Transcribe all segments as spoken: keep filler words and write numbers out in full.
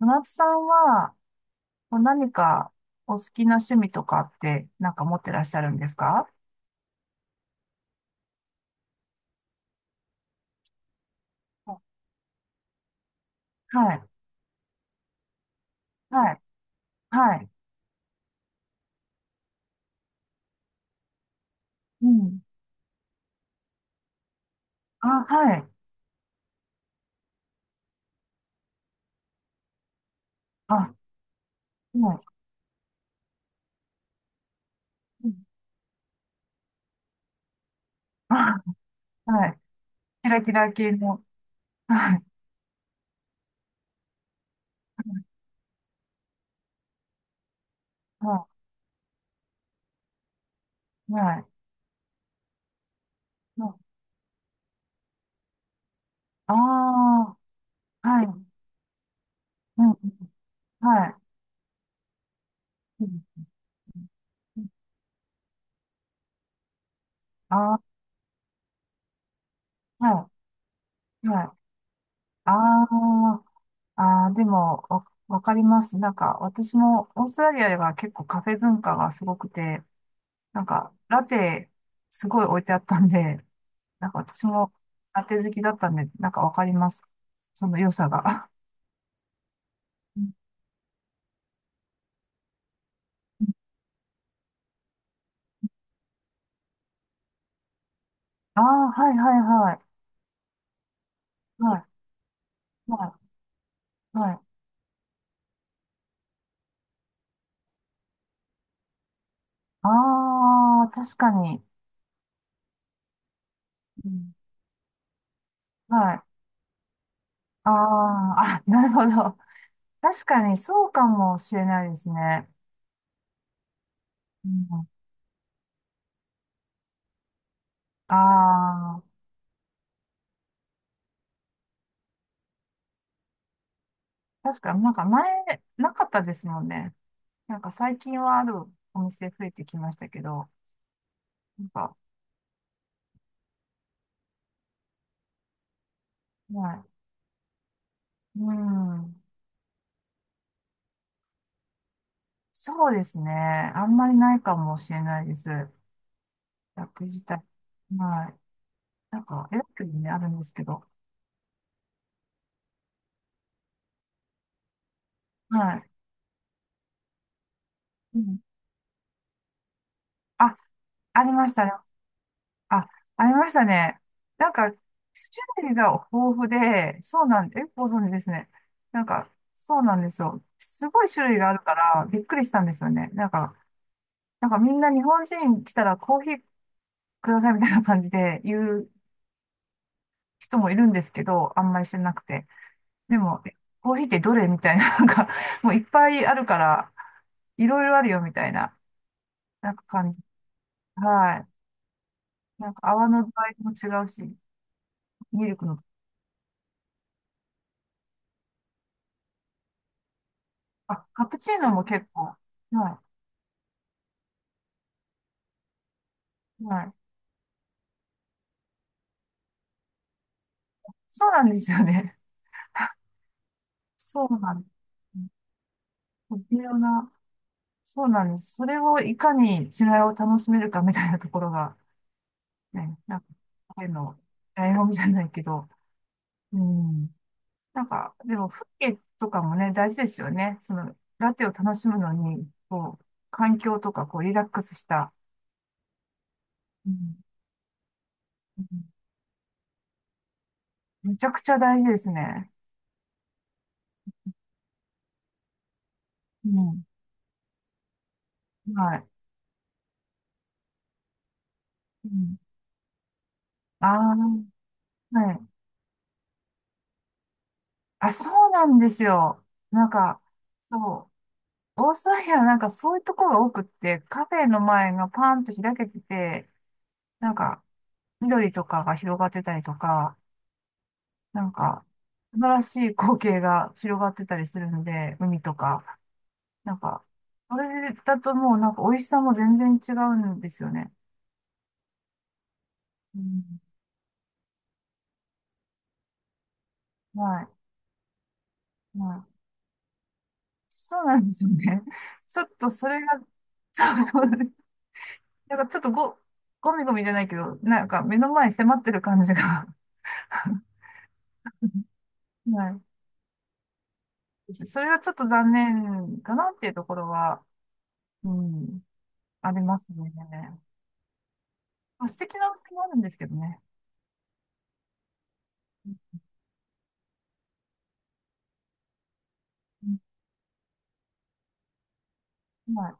小夏さんは、こう何かお好きな趣味とかって、なんか持ってらっしゃるんですか？あはい。はい。はい。うん。あ、はい。あ、はい。うん、あ、はい。キラキラ系の。はい。はい。はい。まあ、あー、はい。うん。はい。あ、うん、あー、はい。はい。あー、あー、あでも、わ、わかります。なんか、私も、オーストラリアでは結構カフェ文化がすごくて、なんか、ラテ、すごい置いてあったんで、なんか私もラテ好きだったんで、なんかわかります。その良さが。うん、ああ、はいはいはい。はい、はい、はい。ああ、確かに。うん、はい。ああ、あ、なるほど。確かにそうかもしれないですね。うん、ああ、確かになんか前、なかったですもんね。なんか最近はあるお店増えてきましたけど、なんか、はい。うん。そうですね。あんまりないかもしれないです。役自体。はい。なんか、エラクにね、あるんですけど。はい。うん、あ、ありましたね。あ、ありましたね。なんか、種類が豊富で、そうなんで、え、ご存知ですね。なんか、そうなんですよ。すごい種類があるから、びっくりしたんですよね。なんか、なんかみんな日本人来たらコーヒーくださいみたいな感じで言う人もいるんですけど、あんまり知らなくて。でも、え、コーヒーってどれみたいな、なんか、もういっぱいあるから、いろいろあるよみたいな、なんか感じ。はい。なんか泡の具合も違うし、ミルクの、あ、カプチーノも結構、はい、はい。そうなんですよね。そうなんです。微妙な、そうなんです。それをいかに違いを楽しめるかみたいなところが、ね、なんか、あの、醍醐味じゃないけど、うん。なんか、でも、風景とかもね、大事ですよね。その、ラテを楽しむのに、こう、環境とか、こう、リラックスした。うん。うん、めちゃくちゃ大事ですね。うん。はい。うん。ああ、はい。あ、そうなんですよ。なんか、そう。オーストラリアはなんかそういうとこが多くって、カフェの前がパンと開けてて、なんか、緑とかが広がってたりとか、なんか、素晴らしい光景が広がってたりするので、海とか。なんか、それだともうなんか美味しさも全然違うんですよね。うん。はい。はい。そうなんですよね。ちょっとそれが、そうそうです。なんかちょっとご、ゴミゴミじゃないけど、なんか目の前に迫ってる感じが はい。それがちょっと残念かなっていうところは、うん、ありますね。まあ、素敵なお店もあるんですけどね。うん、はい。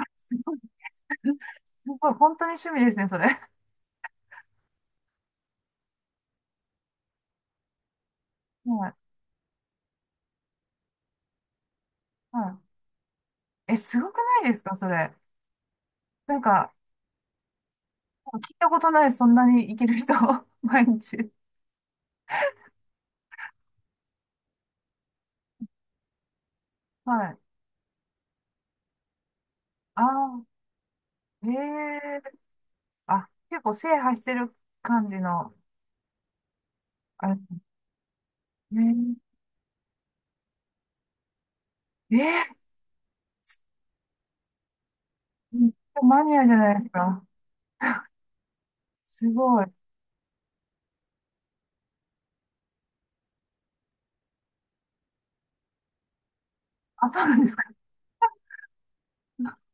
すごい、すごい、本当に趣味ですね、それ。はい。はい。え、すごくないですか、それ。なんか、聞いたことない、そんなにいける人、毎日。はい。ああ、へえ。あ、結構制覇してる感じの、あれね。えー、めっちゃマニアじゃないですか。すごい。あ、そうなんですか。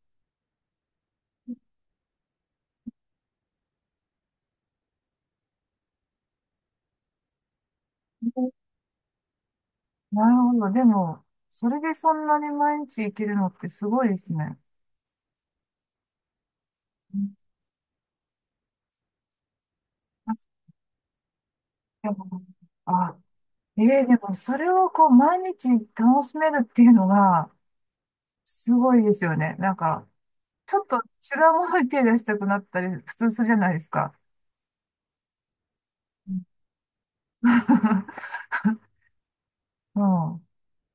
なるほど。でも、それでそんなに毎日行けるのってすごいですね。うん、確かに、あ、ええ、でもそれをこう毎日楽しめるっていうのがすごいですよね。なんか、ちょっと違うものに手出したくなったり、普通するじゃないですか。うん。うん、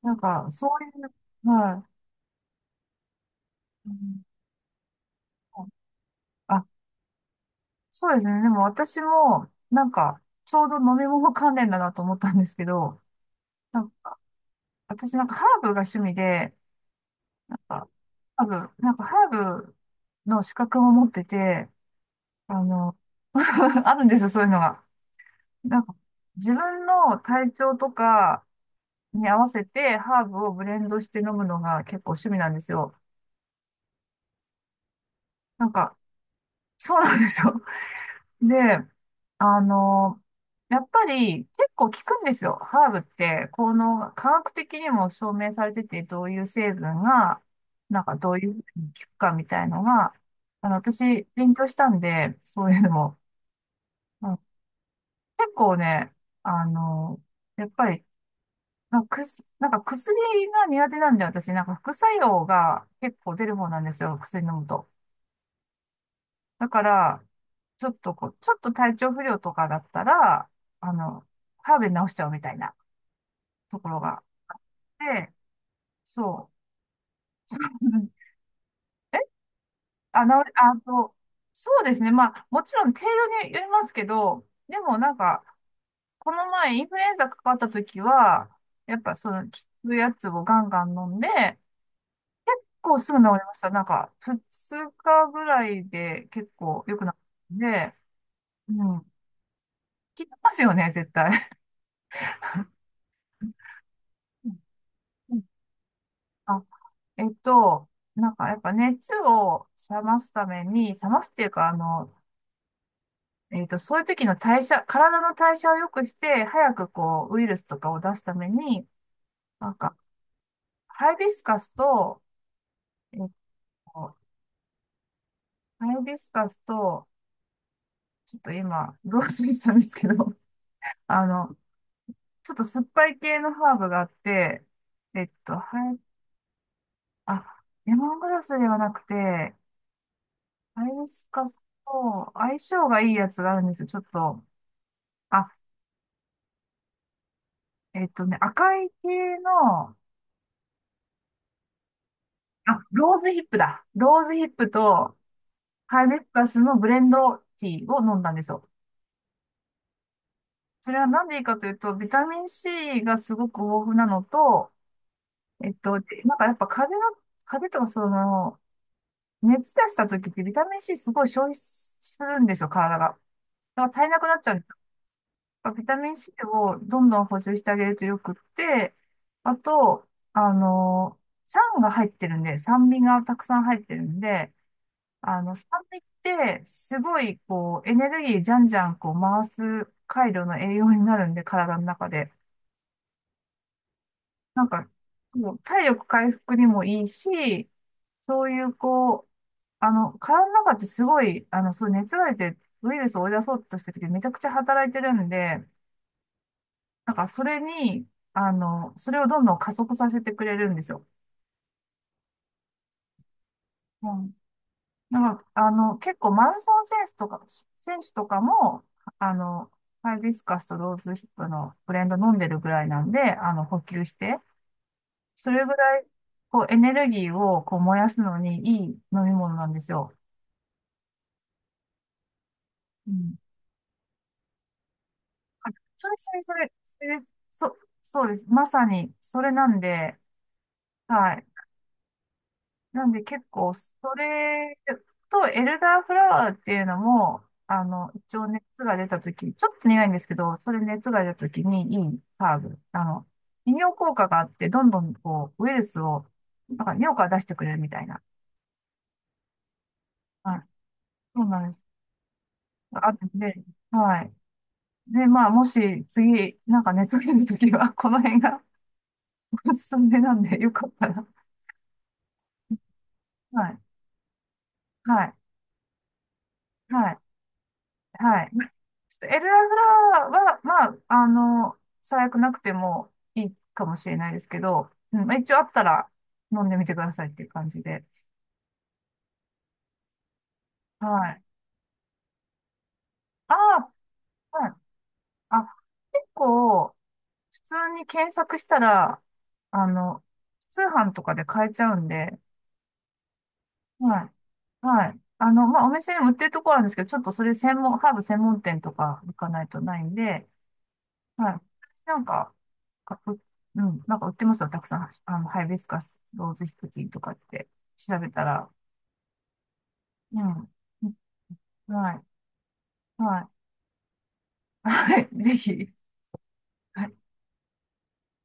なんか、そういう、はい。うん、あ、そうですね。でも私も、なんか、ちょうど飲み物関連だなと思ったんですけど、なんか私なんかハーブが趣味で、なんか、ハーブ、なんかハーブの資格も持ってて、あの、あるんですよ、そういうのが。なんか、自分の体調とか、に合わせてハーブをブレンドして飲むのが結構趣味なんですよ。なんか、そうなんですよ。で、あの、やっぱり結構効くんですよ。ハーブって、この科学的にも証明されてて、どういう成分が、なんかどういうふうに効くかみたいのが、あの、私勉強したんで、そういうのも、うん、結構ね、あの、やっぱりあ、くす、なんか薬が苦手なんで、私、なんか副作用が結構出る方なんですよ、薬飲むと。だから、ちょっとこう、ちょっと体調不良とかだったら、あの、ハーブで治しちゃうみたいなところがあって、そう。うん、え、あ、治り、あと、そうですね。まあ、もちろん程度によりますけど、でもなんか、この前インフルエンザかかった時は、やっぱその効くやつをガンガン飲んで、結構すぐ治りました。なんか、ふつかぐらいで結構良くなったんで、うん。効きますよね、絶対。うん、うん、あ、えっと、なんかやっぱ熱を冷ますために、冷ますっていうか、あの、えっと、そういう時の代謝、体の代謝を良くして、早くこう、ウイルスとかを出すために、なんか、ハイビスカスと、えっと、ハイビスカスと、ちょっと今、どうししたんですけど、あの、ちょっと酸っぱい系のハーブがあって、えっと、はい、あ、レモングラスではなくて、ハイビスカスと相性がいいやつがあるんですよ。ちょっと、あ、えっとね、赤い系の、あ、ローズヒップだ。ローズヒップとハイビスカスのブレンドティーを飲んだんですよ。それはなんでいいかというと、ビタミン C がすごく豊富なのと、えっと、でなんかやっぱ風邪の、風邪とかその、熱出した時ってビタミン C すごい消費するんですよ、体が。だから足りなくなっちゃうんですよ。ビタミン C をどんどん補充してあげるとよくって、あと、あの、酸が入ってるんで、酸味がたくさん入ってるんで、あの、酸味ってすごいこう、エネルギーじゃんじゃんこう回す回路の栄養になるんで、体の中で。なんか、もう体力回復にもいいし、そういうこう、あの、体の中ってすごい、あの、そう、熱が出てウイルスを追い出そうとしてる時めちゃくちゃ働いてるんで、なんかそれに、あの、それをどんどん加速させてくれるんですよ。うん。なんか、あの、結構マラソン選手とか、選手とかも、あの、ハイビスカスとローズヒップのブレンド飲んでるぐらいなんで、あの、補給して、それぐらい、こう、エネルギーをこう燃やすのにいい飲み物なんですよ。あ、それそれそれ、それです。そ、そうです。まさに、それなんで、はい。なんで結構、それと、エルダーフラワーっていうのも、あの、一応熱が出たとき、ちょっと苦いんですけど、それ熱が出たときにいいハーブ。あの、利尿効果があって、どんどんこう、ウイルスを、なんか尿から出してくれるみたいな。はい。そうなんです。あるんで、はい。で、まあ、もし次、なんか熱が出るときは、この辺がおすすめなんで、よかったら。はい。はい、はい、はい。ちょっとエルダーフラワーは、まあ、あの、最悪なくてもいいかもしれないですけど、うん、まあ、一応あったら飲んでみてくださいっていう感じで。はい。ああ、はい。あ、結構、普通に検索したら、あの、通販とかで買えちゃうんで、はい。はい。あの、まあ、お店にも売ってるところあるんですけど、ちょっとそれ専門、ハーブ専門店とか行かないとないんで、はい。なんか、かう、うん、なんか売ってますよ、たくさん。あの、ハイビスカス、ローズヒプティンとかって調べたら。うん。はい。はい。はい。ぜひ。はい